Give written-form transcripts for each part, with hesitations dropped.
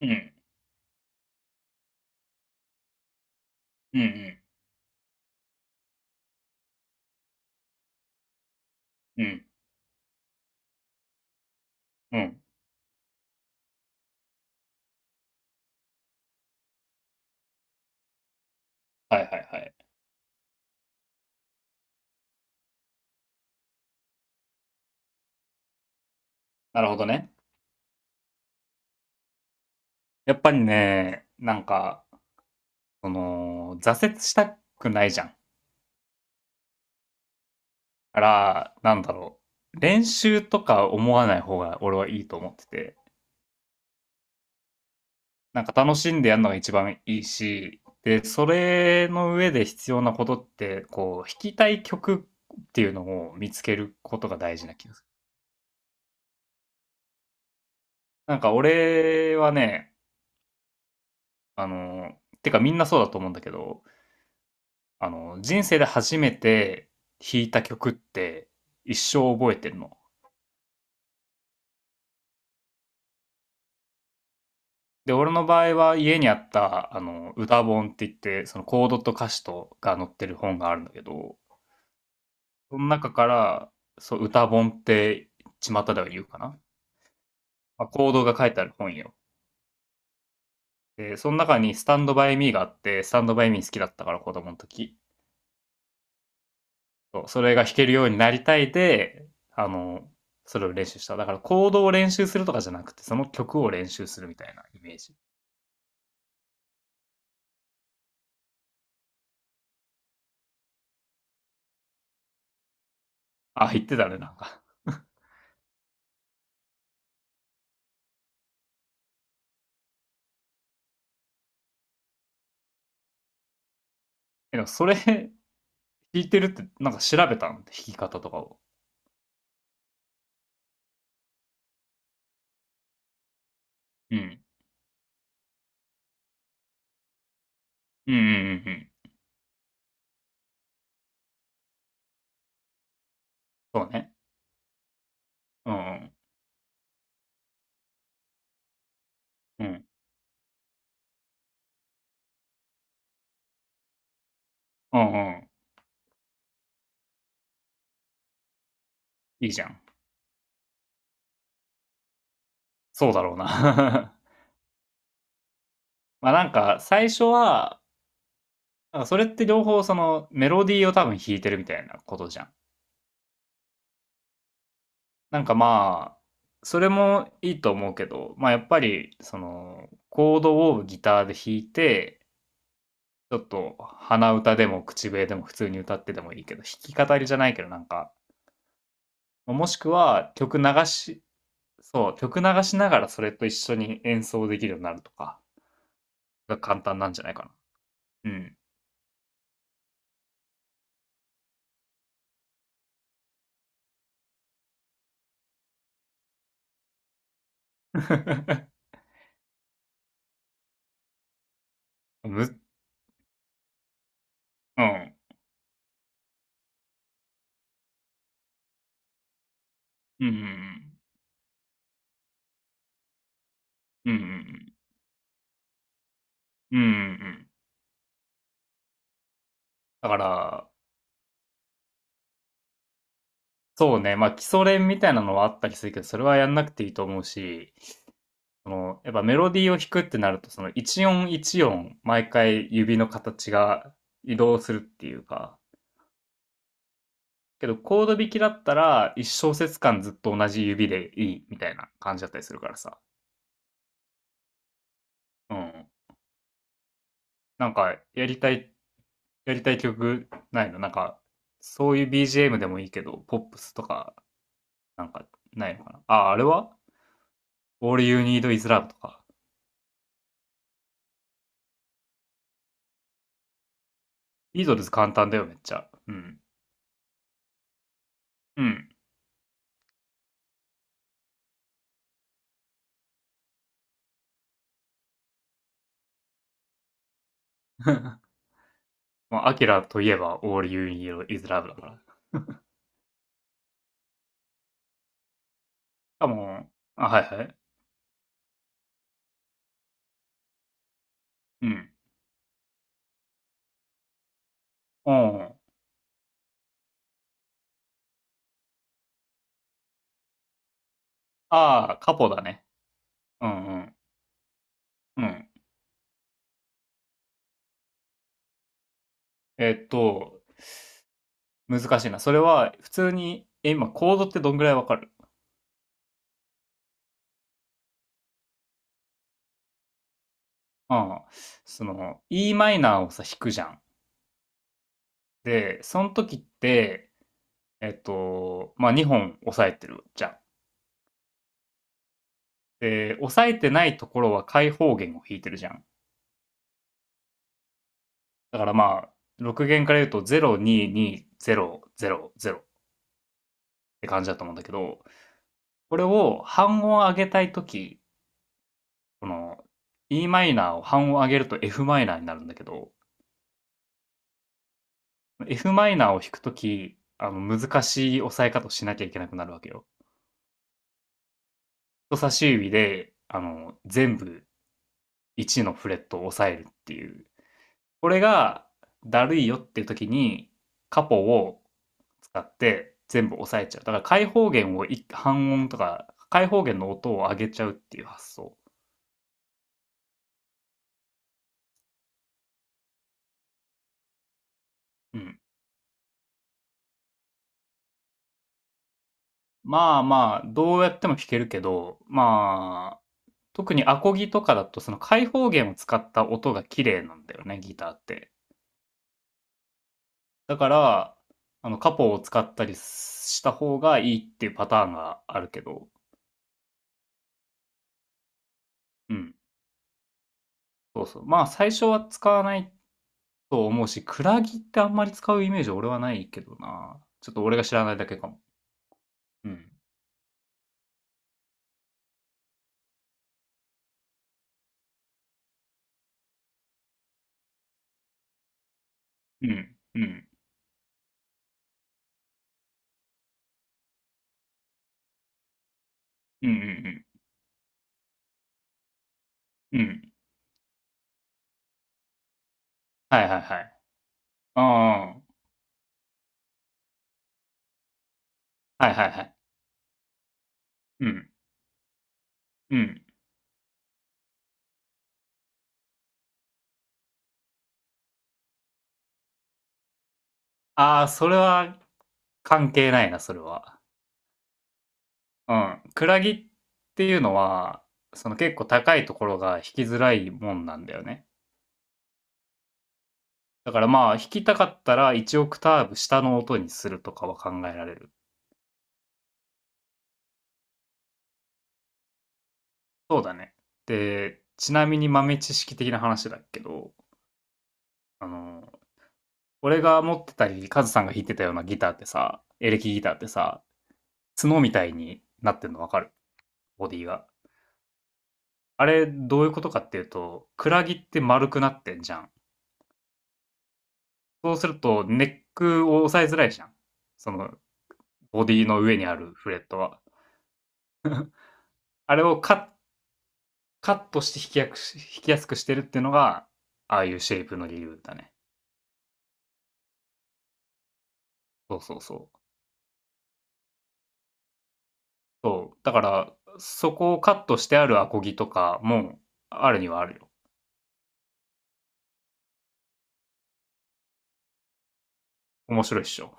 うん。うんうん。うん。うん。はいはいはい。なるほどね。やっぱりね、なんか、その、挫折したくないじゃん。から、なんだろう。練習とか思わない方が俺はいいと思ってて、なんか楽しんでやるのが一番いいし、で、それの上で必要なことって、こう、弾きたい曲っていうのを見つけることが大事な気がする。なんか俺はね、あの、てかみんなそうだと思うんだけど、あの、人生で初めて弾いた曲って一生覚えてるの。で、俺の場合は家にあった、あの、歌本って言って、そのコードと歌詞とが載ってる本があるんだけど、その中から、そう、歌本って巷では言うかな。まあ、コードが書いてある本よ。で、その中にスタンドバイミーがあって、スタンドバイミー好きだったから子供の時。そう、それが弾けるようになりたいで、あの、それを練習した。だからコードを練習するとかじゃなくて、その曲を練習するみたいなイメージ。あ、言ってたね、なんか。でもそれ 弾いてるって、なんか調べたの弾き方とかを。うん。うんうんうんうん。そうね。うんうん。うん。うんうん。いいじゃん。そうだろうな。まあなんか、最初は、なんかそれって両方そのメロディーを多分弾いてるみたいなことじゃん。なんかまあ、それもいいと思うけど、まあやっぱり、その、コードをギターで弾いて、ちょっと鼻歌でも口笛でも普通に歌ってでもいいけど、弾き語りじゃないけどなんか、もしくは曲流し、そう、曲流しながらそれと一緒に演奏できるようになるとかが簡単なんじゃないかな。うん。む、うん。うんうんうん。うんうんうん。うんうんうん。だから、そうね、まあ基礎練みたいなのはあったりするけど、それはやんなくていいと思うし、その、やっぱメロディーを弾くってなると、その一音一音、毎回指の形が移動するっていうか、けどコード弾きだったら、一小節間ずっと同じ指でいいみたいな感じだったりするからさ。うん。なんか、やりたい曲ないのなんか、そういう BGM でもいいけど、ポップスとか、なんか、ないのかなあ、あれは ?All You Need Is Love とか。イードルズ簡単だよ、めっちゃ。うん。うん。まあ、アキラといえば All You Need Is Love だから。かも、あ、はいはい。うん。うん。ああ、カポだね。うんうん。うん。えっと、難しいな。それは、普通に、え、今、コードってどんぐらいわかる？ああ、その、E マイナーをさ、弾くじゃん。で、その時って、まあ、2本押さえてるじゃん。で、押さえてないところは開放弦を弾いてるじゃん。だからまあ、6弦から言うと0、2、2、0、0、0って感じだと思うんだけど、これを半音上げたい時、この E マイナーを半音上げると F マイナーになるんだけど、F マイナーを弾く時、あの、難しい押さえ方をしなきゃいけなくなるわけよ。人差し指で、あの、全部1のフレットを押さえるっていう。これがだるいよっていう時に、カポを使って全部押さえちゃう。だから開放弦を半音とか、開放弦の音を上げちゃうっていう発想。うん。まあまあ、どうやっても弾けるけど、まあ、特にアコギとかだとその開放弦を使った音が綺麗なんだよね、ギターって。だから、あの、カポを使ったりした方がいいっていうパターンがあるけど、うん、そうそう。まあ、最初は使わないと思うし、クラギってあんまり使うイメージ俺はないけどな。ちょっと俺が知らないだけかも。うん。うん。うん。うんうんうん。うん。はいはいはい。ああ、はいはいはい。うん。うん。ああ、それは関係ないな、それは。うん。クラギっていうのは、その結構高いところが引きづらいもんなんだよね。だからまあ、弾きたかったら1オクターブ下の音にするとかは考えられる。そうだね。で、ちなみに豆知識的な話だけど、あの、俺が持ってたり、カズさんが弾いてたようなギターってさ、エレキギターってさ、角みたいになってんのわかる？ボディが。あれ、どういうことかっていうと、クラギって丸くなってんじゃん。そうすると、ネックを押さえづらいじゃん。その、ボディの上にあるフレットは。あれをカットして引きやすくしてるっていうのが、ああいうシェイプの理由だね。そうそうそう。そう。だから、そこをカットしてあるアコギとかも、あるにはあるよ。面白いっしょ。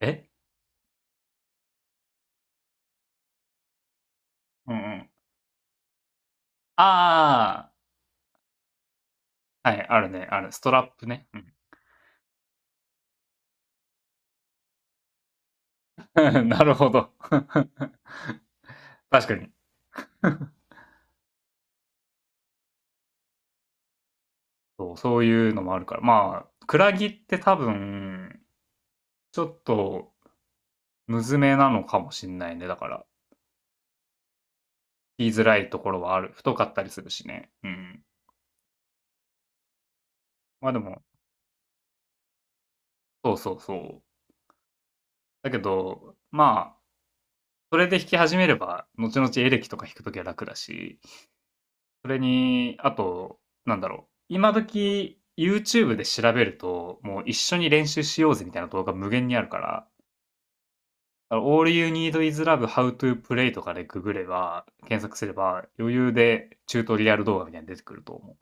え、うんうん。ああ、はい、あるね、ある。ストラップね。うん なるほど。確かにそう。そういうのもあるから。まあ、クラギって多分、ちょっと、むずめなのかもしんないね。だから、言いづらいところはある。太かったりするしね。うん。まあでも、そうそうそう。だけど、まあ、それで弾き始めれば、後々エレキとか弾くときは楽だし、それに、あと、なんだろう。今時、YouTube で調べると、もう一緒に練習しようぜみたいな動画無限にあるから、だから All You Need Is Love How to Play とかでググれば、検索すれば、余裕でチュートリアル動画みたいに出てくると思う。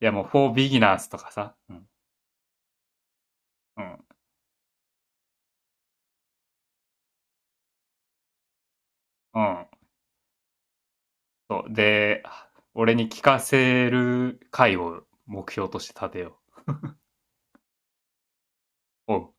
いや、もう For Beginners とかさ、うん、うん、うん。そう。で、俺に聞かせる回を目標として立てよう。うん。